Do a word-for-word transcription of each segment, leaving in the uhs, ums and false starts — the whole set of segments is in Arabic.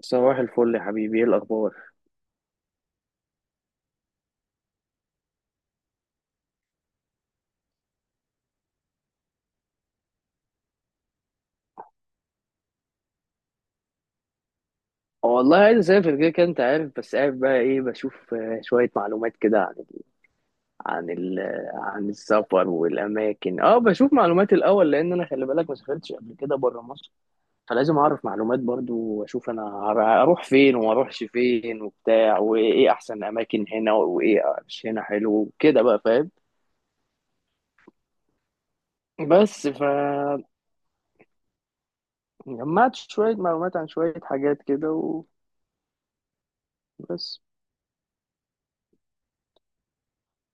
صباح الفل يا حبيبي، ايه الاخبار؟ والله عايز اسافر كده كده، انت عارف، بس قاعد بقى ايه؟ بشوف آه، شويه معلومات كده عن ال عن ال عن السفر والاماكن. اه بشوف معلومات الاول، لان انا، خلي بالك، ما سافرتش قبل كده بره مصر، فلازم اعرف معلومات برضو، واشوف انا هر- اروح فين وما اروحش فين وبتاع، وايه احسن اماكن هنا وايه مش هنا حلو كده بقى، فاهم؟ بس فجمعت شويه معلومات عن شويه حاجات كده وبس.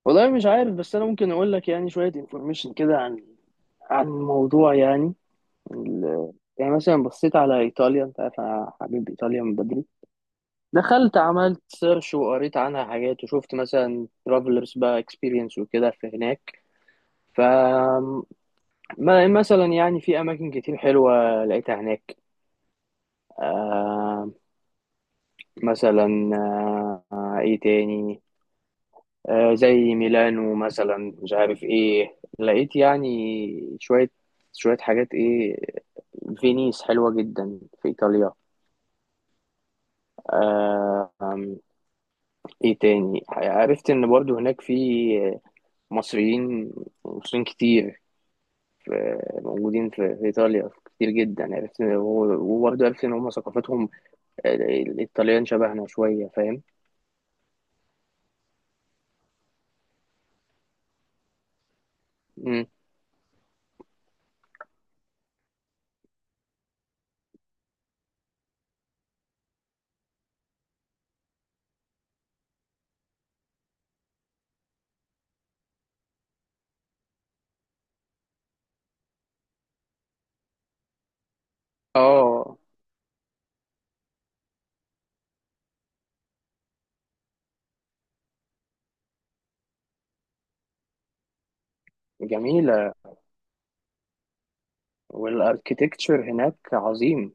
والله مش عارف، بس انا ممكن اقول لك يعني شويه انفورميشن كده عن عن الموضوع يعني، ال- يعني مثلا بصيت على ايطاليا، انت عارف انا حبيب ايطاليا من بدري. دخلت، عملت سيرش، وقريت عنها حاجات، وشفت مثلا ترافلرز بقى اكسبيرينس وكده في هناك. ف ما- مثلا يعني في اماكن كتير حلوه لقيتها هناك. آه مثلا، آه آه، ايه تاني؟ آه، زي ميلانو مثلا. مش عارف ايه، لقيت يعني شوية شوية حاجات ايه. فينيس حلوة جدا في ايطاليا. آه، آم، ايه تاني؟ عرفت ان برضو هناك في مصريين، مصريين كتير، في- موجودين في في ايطاليا كتير جدا. عرفت إن هو- وبرضو عرفت ان هم ثقافتهم، آه، الايطاليان شبهنا شوية، فاهم؟ مم. اه جميلة. والاركيتكتشر هناك عظيم.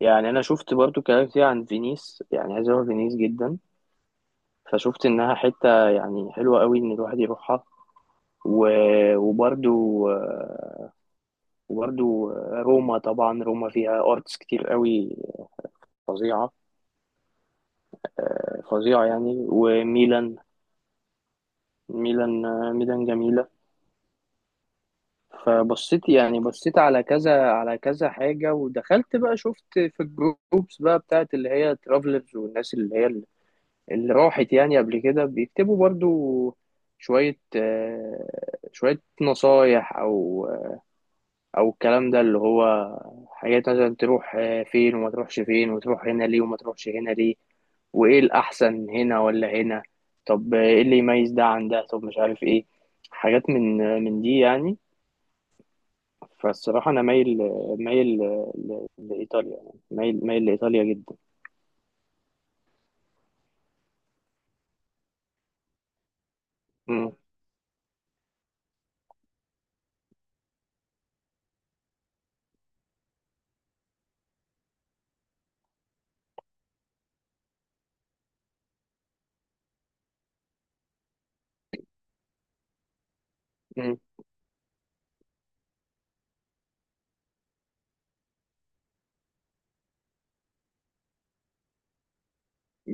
يعني انا شفت برضو كلام كتير عن فينيس، يعني عايز اروح فينيس جدا. فشفت انها حتة يعني حلوة قوي، ان الواحد يروحها. و... وبرضو، وبرضو روما، طبعا روما فيها ارتس كتير قوي، فظيعة. آه، فظيعة يعني. وميلان، ميلان آه، ميلان جميلة. فبصيت يعني، بصيت على كذا على كذا حاجة. ودخلت بقى شفت في الجروبس بقى بتاعت اللي هي ترافلرز، والناس اللي هي، اللي راحت يعني قبل كده، بيكتبوا برضو شوية آه، شوية نصايح، أو أو الكلام ده، اللي هو حاجات مثلا تروح آه، فين وما تروحش فين، وتروح هنا ليه وما تروحش هنا ليه، وإيه الأحسن هنا ولا هنا، طب إيه اللي يميز ده عن ده، طب مش عارف إيه، حاجات من من دي يعني. فالصراحة أنا مايل مايل ل- لإيطاليا يعني، مايل مايل لإيطاليا جدا. مم.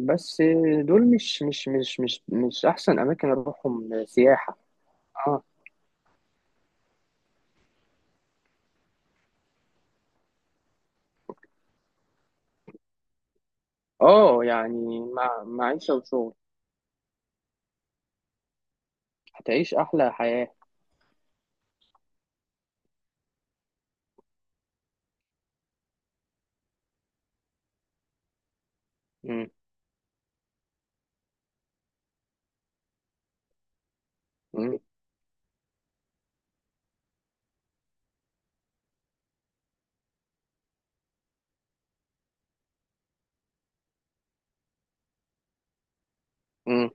بس دول مش مش مش مش مش احسن اماكن اروحهم سياحه. اه اه يعني مع معيشه وشغل. هتعيش احلى حياه. مم. مم. مم.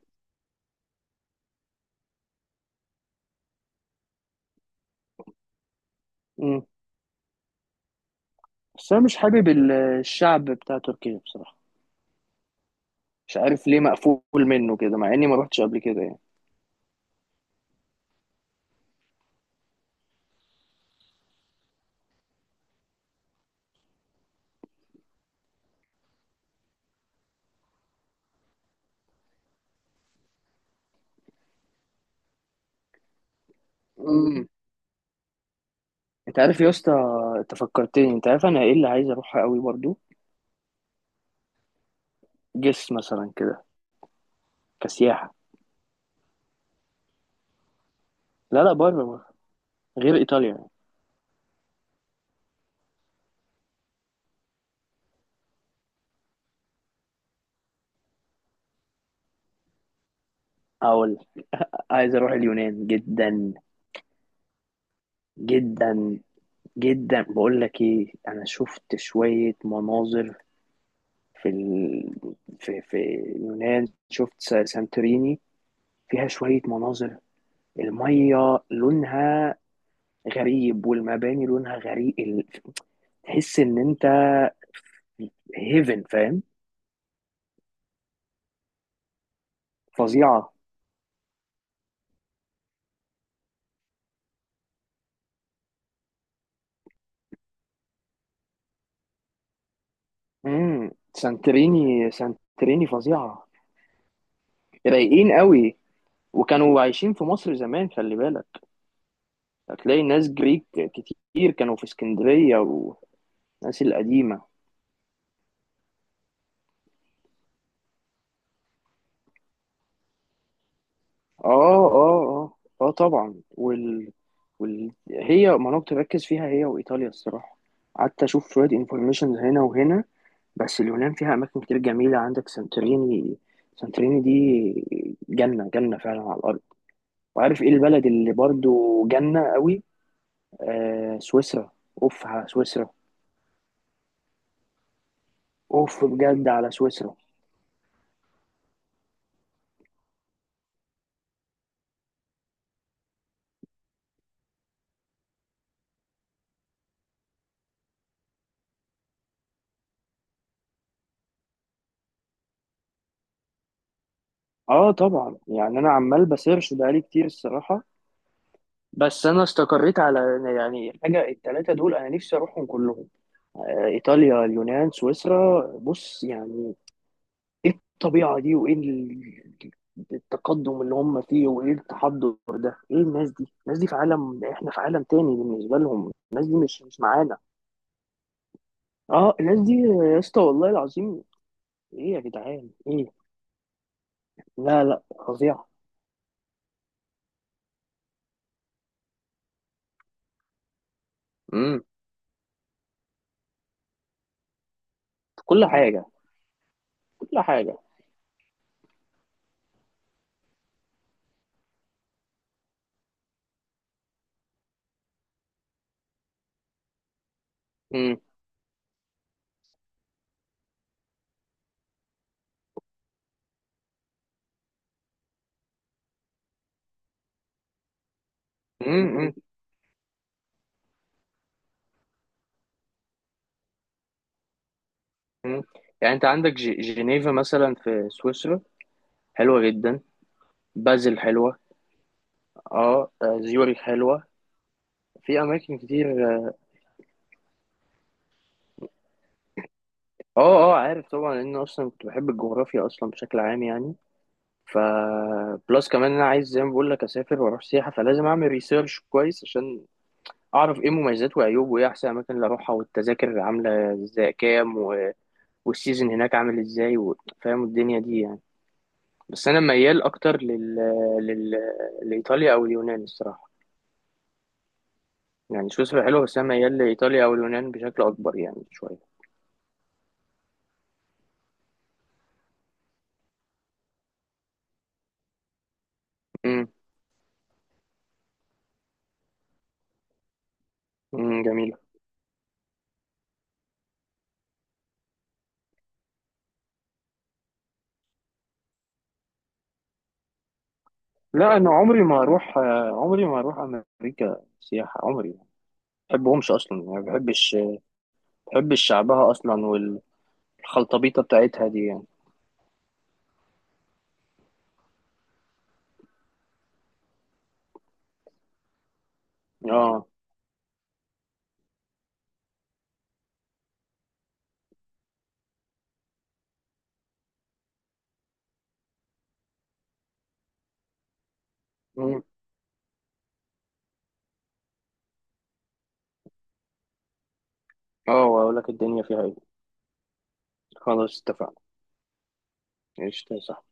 مم. بس انا مش حابب ال- الشعب بتاع تركيا بصراحه. مش عارف ليه، مقفول منه كده، مع اني ما روحتش قبل كده يعني. مم. انت عارف يا اسطى، انت فكرتني، انت عارف انا ايه اللي عايز اروحها قوي برضو؟ جس مثلا كده، كسياحه. لا لا، بره بره، غير ايطاليا يعني. اقول، عايز اروح اليونان جدا. جدا جدا، بقول لك ايه، انا شفت شوية مناظر في ال... في في اليونان، شفت س- سانتوريني. فيها شوية مناظر، المية لونها غريب، والمباني لونها غريب، ال- تحس ان انت هيفن، فاهم؟ فظيعة. امم، سانتوريني، سانتوريني فظيعة. رايقين قوي، وكانوا عايشين في مصر زمان، خلي بالك، هتلاقي ناس جريك كتير كانوا في اسكندرية، والناس القديمة. اه اه اه اه طبعا. وال... وال... هي، ما انا كنت بركز فيها هي وايطاليا الصراحه. قعدت اشوف شويه انفورميشن هنا وهنا. بس اليونان فيها اماكن كتير جميله، عندك سانتوريني. سانتوريني دي جنه، جنه فعلا على الارض. وعارف ايه البلد اللي برضو جنه قوي؟ آه، سويسرا. اوف على سويسرا. اوف بجد على سويسرا. اه طبعا يعني، انا عمال بسيرش بقالي كتير الصراحه. بس انا استقريت على يعني حاجه التلاته دول، انا نفسي اروحهم كلهم، آه، ايطاليا، اليونان، سويسرا. بص يعني ايه الطبيعه دي، وايه ال- التقدم اللي هم فيه، وايه التحضر ده، ايه الناس دي، الناس دي في عالم، احنا في عالم تاني بالنسبه لهم، الناس دي مش مش معانا. اه، الناس دي يا اسطى، والله العظيم. ايه يا جدعان ايه. لا لا، فظيعه. امم، كل حاجه، كل حاجه. امم. امم. امم. يعني انت عندك ج- جنيفا مثلا في سويسرا، حلوه جدا. بازل حلوه. اه، آه، زيورخ حلوه. في اماكن كتير. اه، اه آه، عارف طبعا، لان اصلا كنت بحب الجغرافيا اصلا بشكل عام يعني. ف بلس كمان، انا عايز زي ما بقول لك اسافر واروح سياحه، فلازم اعمل ريسيرش كويس عشان اعرف ايه مميزات وعيوب، وايه احسن اماكن اللي اروحها، والتذاكر عامله ازاي كام و... والسيزون هناك عامل ازاي و... فاهم الدنيا دي يعني؟ بس انا ميال اكتر لل... لل... لايطاليا او اليونان الصراحه. يعني سويسرا حلوه، بس انا ميال لايطاليا او اليونان بشكل اكبر يعني شويه. امم جميل. لا انا عمري ما اروح، عمري ما اروح امريكا سياحه، عمري ما. بحبهمش اصلا يعني، ما بحبش بحبش شعبها اصلا، والخلطبيطه بتاعتها دي يعني. اه. مم. اه، واقول لك الدنيا فيها ايه. خلاص اتفقنا. ايش، صح.